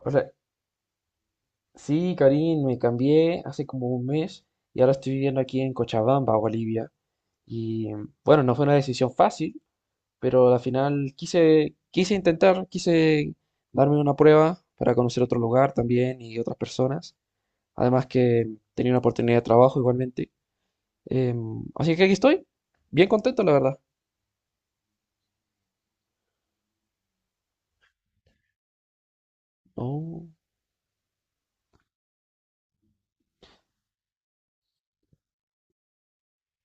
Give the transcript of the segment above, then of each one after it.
O sea, sí, Karim, me cambié hace como un mes y ahora estoy viviendo aquí en Cochabamba, Bolivia. Y bueno, no fue una decisión fácil, pero al final quise, quise intentar, quise darme una prueba para conocer otro lugar también y otras personas. Además que tenía una oportunidad de trabajo igualmente. Así que aquí estoy, bien contento, la verdad. Oh,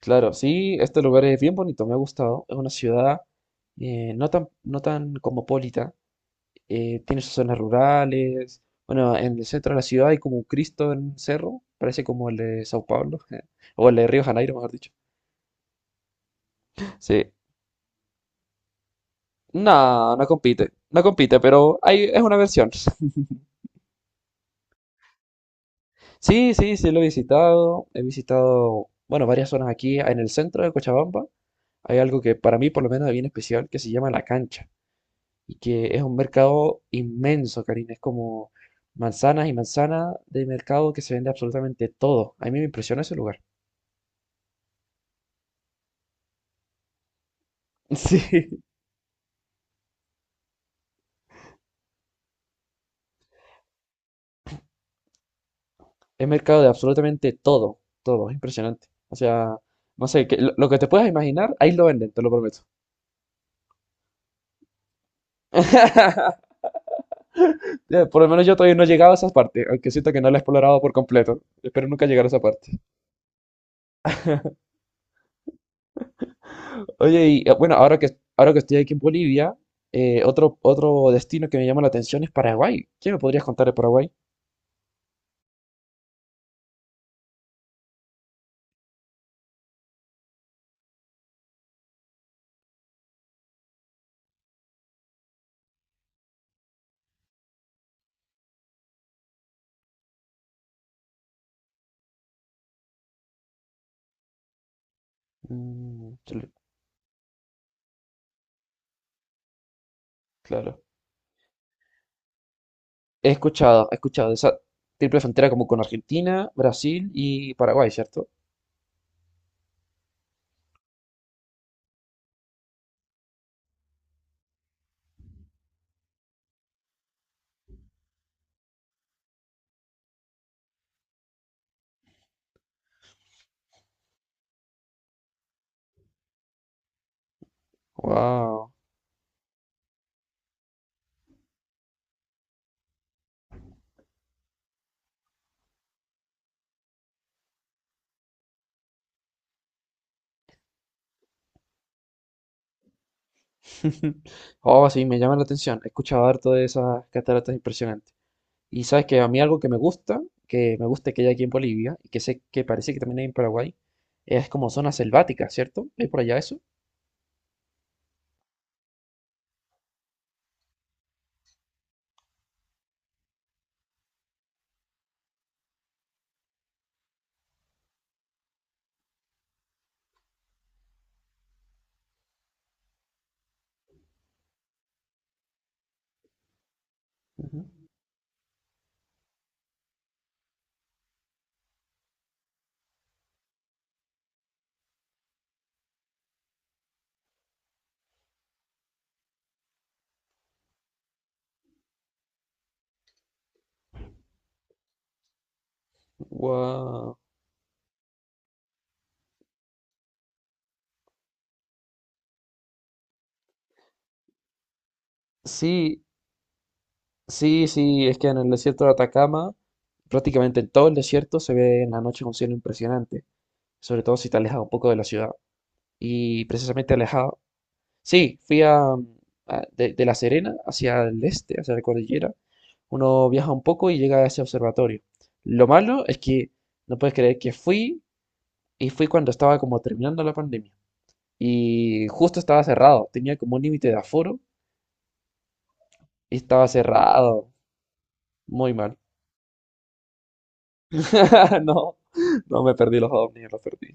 claro, sí, este lugar es bien bonito, me ha gustado. Es una ciudad no tan cosmopolita, tiene sus zonas rurales. Bueno, en el centro de la ciudad hay como un Cristo en un cerro, parece como el de Sao Paulo, o el de Río Janeiro, mejor dicho. Sí. No, no compite, no compite, pero hay, es una versión. Sí, sí, sí, lo he visitado. He visitado, bueno, varias zonas aquí en el centro de Cochabamba. Hay algo que para mí por lo menos es bien especial que se llama La Cancha y que es un mercado inmenso, Karina. Es como manzanas y manzanas de mercado que se vende absolutamente todo. A mí me impresiona ese lugar. Sí, es mercado de absolutamente todo, todo, es impresionante. O sea, no sé, que, lo que te puedas imaginar, ahí lo venden, te lo prometo. Ya. Por lo menos yo todavía no he llegado a esa parte, aunque siento que no la he explorado por completo. Espero nunca llegar a esa parte. Oye, y bueno, ahora que estoy aquí en Bolivia, otro destino que me llama la atención es Paraguay. ¿Qué me podrías contar de Paraguay? Mm, chale, claro. He escuchado de esa triple frontera como con Argentina, Brasil y Paraguay, ¿cierto? Wow. Oh, sí, me llama la atención. He escuchado harto de esas cataratas impresionantes. Y sabes que a mí algo que me gusta, que me gusta que hay aquí en Bolivia, y que sé que parece que también hay en Paraguay, es como zona selvática, ¿cierto? ¿Hay por allá eso? Ujú. Wow. Sí, sí, sí, es que en el desierto de Atacama, prácticamente en todo el desierto se ve en la noche un cielo impresionante, sobre todo si te alejas un poco de la ciudad. Y precisamente alejado, sí, fui a, de La Serena hacia el este, hacia la cordillera. Uno viaja un poco y llega a ese observatorio. Lo malo es que no puedes creer que fui y fui cuando estaba como terminando la pandemia. Y justo estaba cerrado, tenía como un límite de aforo y estaba cerrado. Muy mal. No, no me perdí los ovnis, los perdí.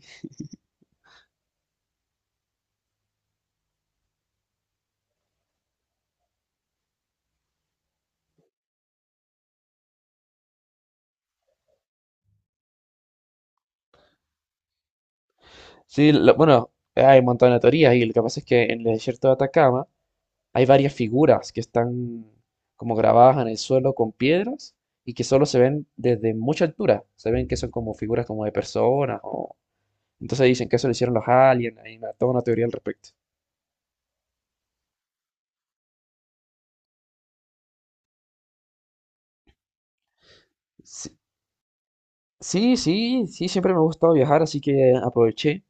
Sí, bueno, hay un montón de teorías y lo que pasa es que en el desierto de Atacama hay varias figuras que están como grabadas en el suelo con piedras y que solo se ven desde mucha altura. Se ven que son como figuras como de personas o, entonces dicen que eso lo hicieron los aliens, hay toda una teoría al respecto. Sí, sí, sí, sí, siempre me ha gustado viajar, así que aproveché.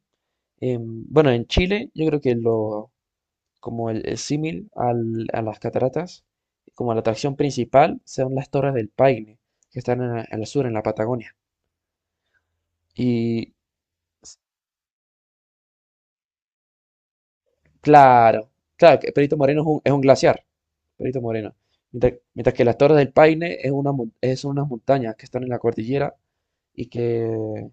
Bueno, en Chile yo creo que lo, como el símil a las cataratas, como la atracción principal, son las Torres del Paine, que están al sur, en la Patagonia. Y s- claro, claro, que Perito Moreno es un glaciar, Perito Moreno. Mientras que las Torres del Paine es una, es unas montañas que están en la cordillera y que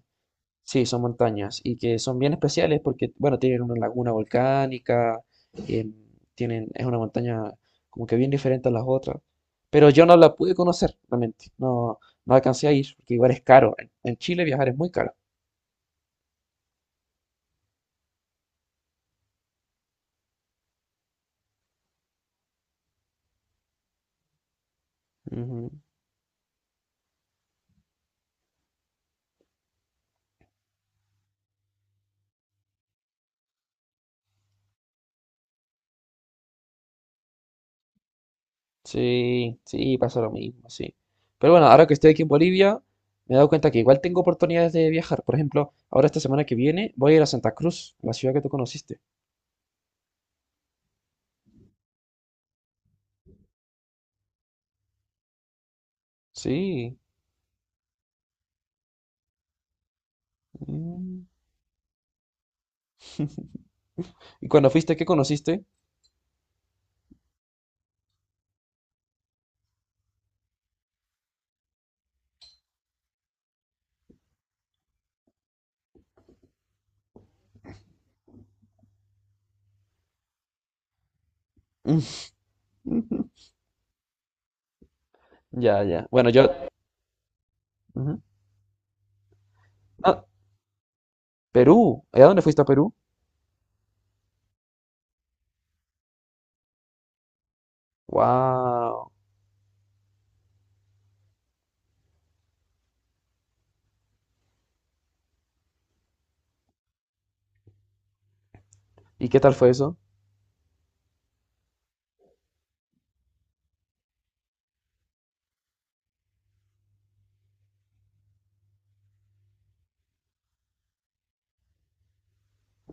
sí, son montañas y que son bien especiales porque, bueno, tienen una laguna volcánica, em, tienen, es una montaña como que bien diferente a las otras, pero yo no la pude conocer realmente, no, no alcancé a ir porque igual es caro, en Chile viajar es muy caro. Ujú. Sí, sí, pasa lo mismo, sí. Pero bueno, ahora que estoy aquí en Bolivia, me he dado cuenta que igual tengo oportunidades de viajar. Por ejemplo, ahora esta semana que viene voy a ir a Santa Cruz, la ciudad que tú conociste. Sí. Mm. ¿Y cuando fuiste, qué conociste? Ujú. Ya, ya. Bueno, yo... Ujú. Ah, Perú. ¿Y a dónde fuiste a Perú? Wow. ¿Y qué tal fue eso?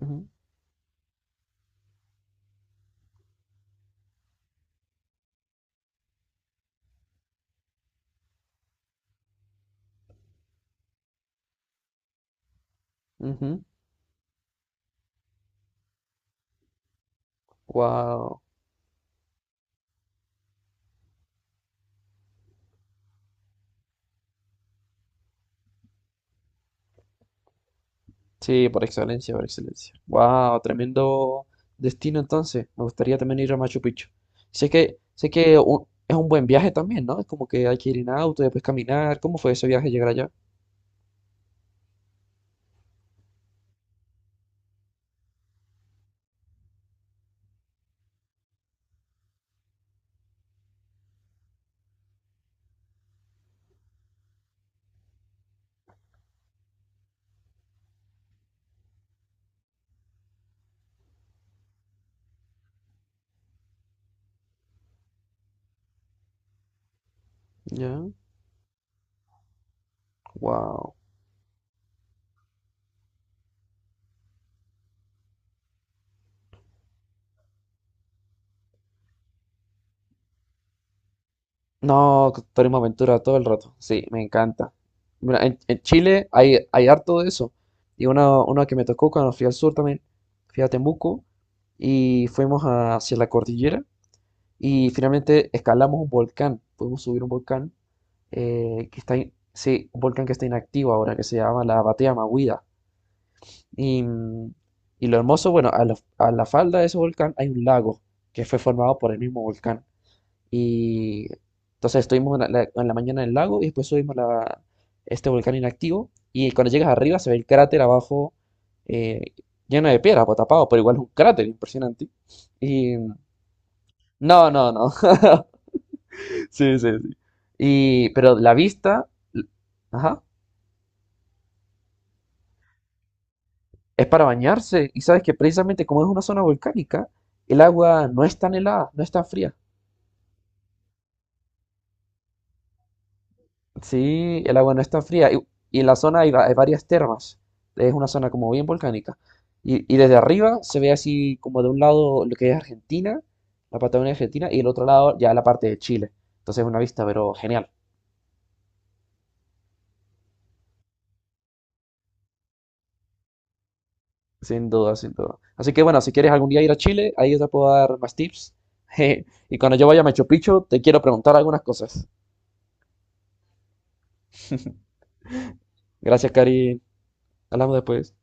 Ujú, ujú. Wow. Sí, por excelencia, por excelencia. Wow, tremendo destino entonces. Me gustaría también ir a Machu Picchu. Sé que es un buen viaje también, ¿no? Es como que hay que ir en auto y después caminar. ¿Cómo fue ese viaje llegar allá? Ya. Wow. No, Turismo Aventura todo el rato. Sí, me encanta. Mira, en Chile hay, hay harto de eso. Y una que me tocó cuando fui al sur también, fui a Temuco y fuimos hacia la cordillera y finalmente escalamos un volcán. Pudimos subir un volcán que está, sí, un volcán que está inactivo ahora, que se llama la Batea Mahuida. Y, y lo hermoso, bueno, a a la falda de ese volcán hay un lago que fue formado por el mismo volcán. Y entonces estuvimos en en la mañana en el lago y después subimos la, este volcán inactivo. Y cuando llegas arriba se ve el cráter abajo eh, lleno de piedra, pues, tapado, pero igual es un cráter impresionante. Y no, no, no. Sí, sí, sí. Y, pero la vista, l- ajá, es para bañarse. Y sabes que precisamente como es una zona volcánica, el agua no es tan helada, no es tan fría. Sí, el agua no está fría. Y en la zona hay, hay varias termas. Es una zona como bien volcánica. Y desde arriba se ve así como de un lado lo que es Argentina, la Patagonia Argentina, y el otro lado ya la parte de Chile. Entonces es una vista, pero genial. Sin duda, sin duda. Así que bueno, si quieres algún día ir a Chile, ahí yo te puedo dar más tips. Y cuando yo vaya a Machu Picchu, te quiero preguntar algunas cosas. Gracias, Karin. Hablamos después.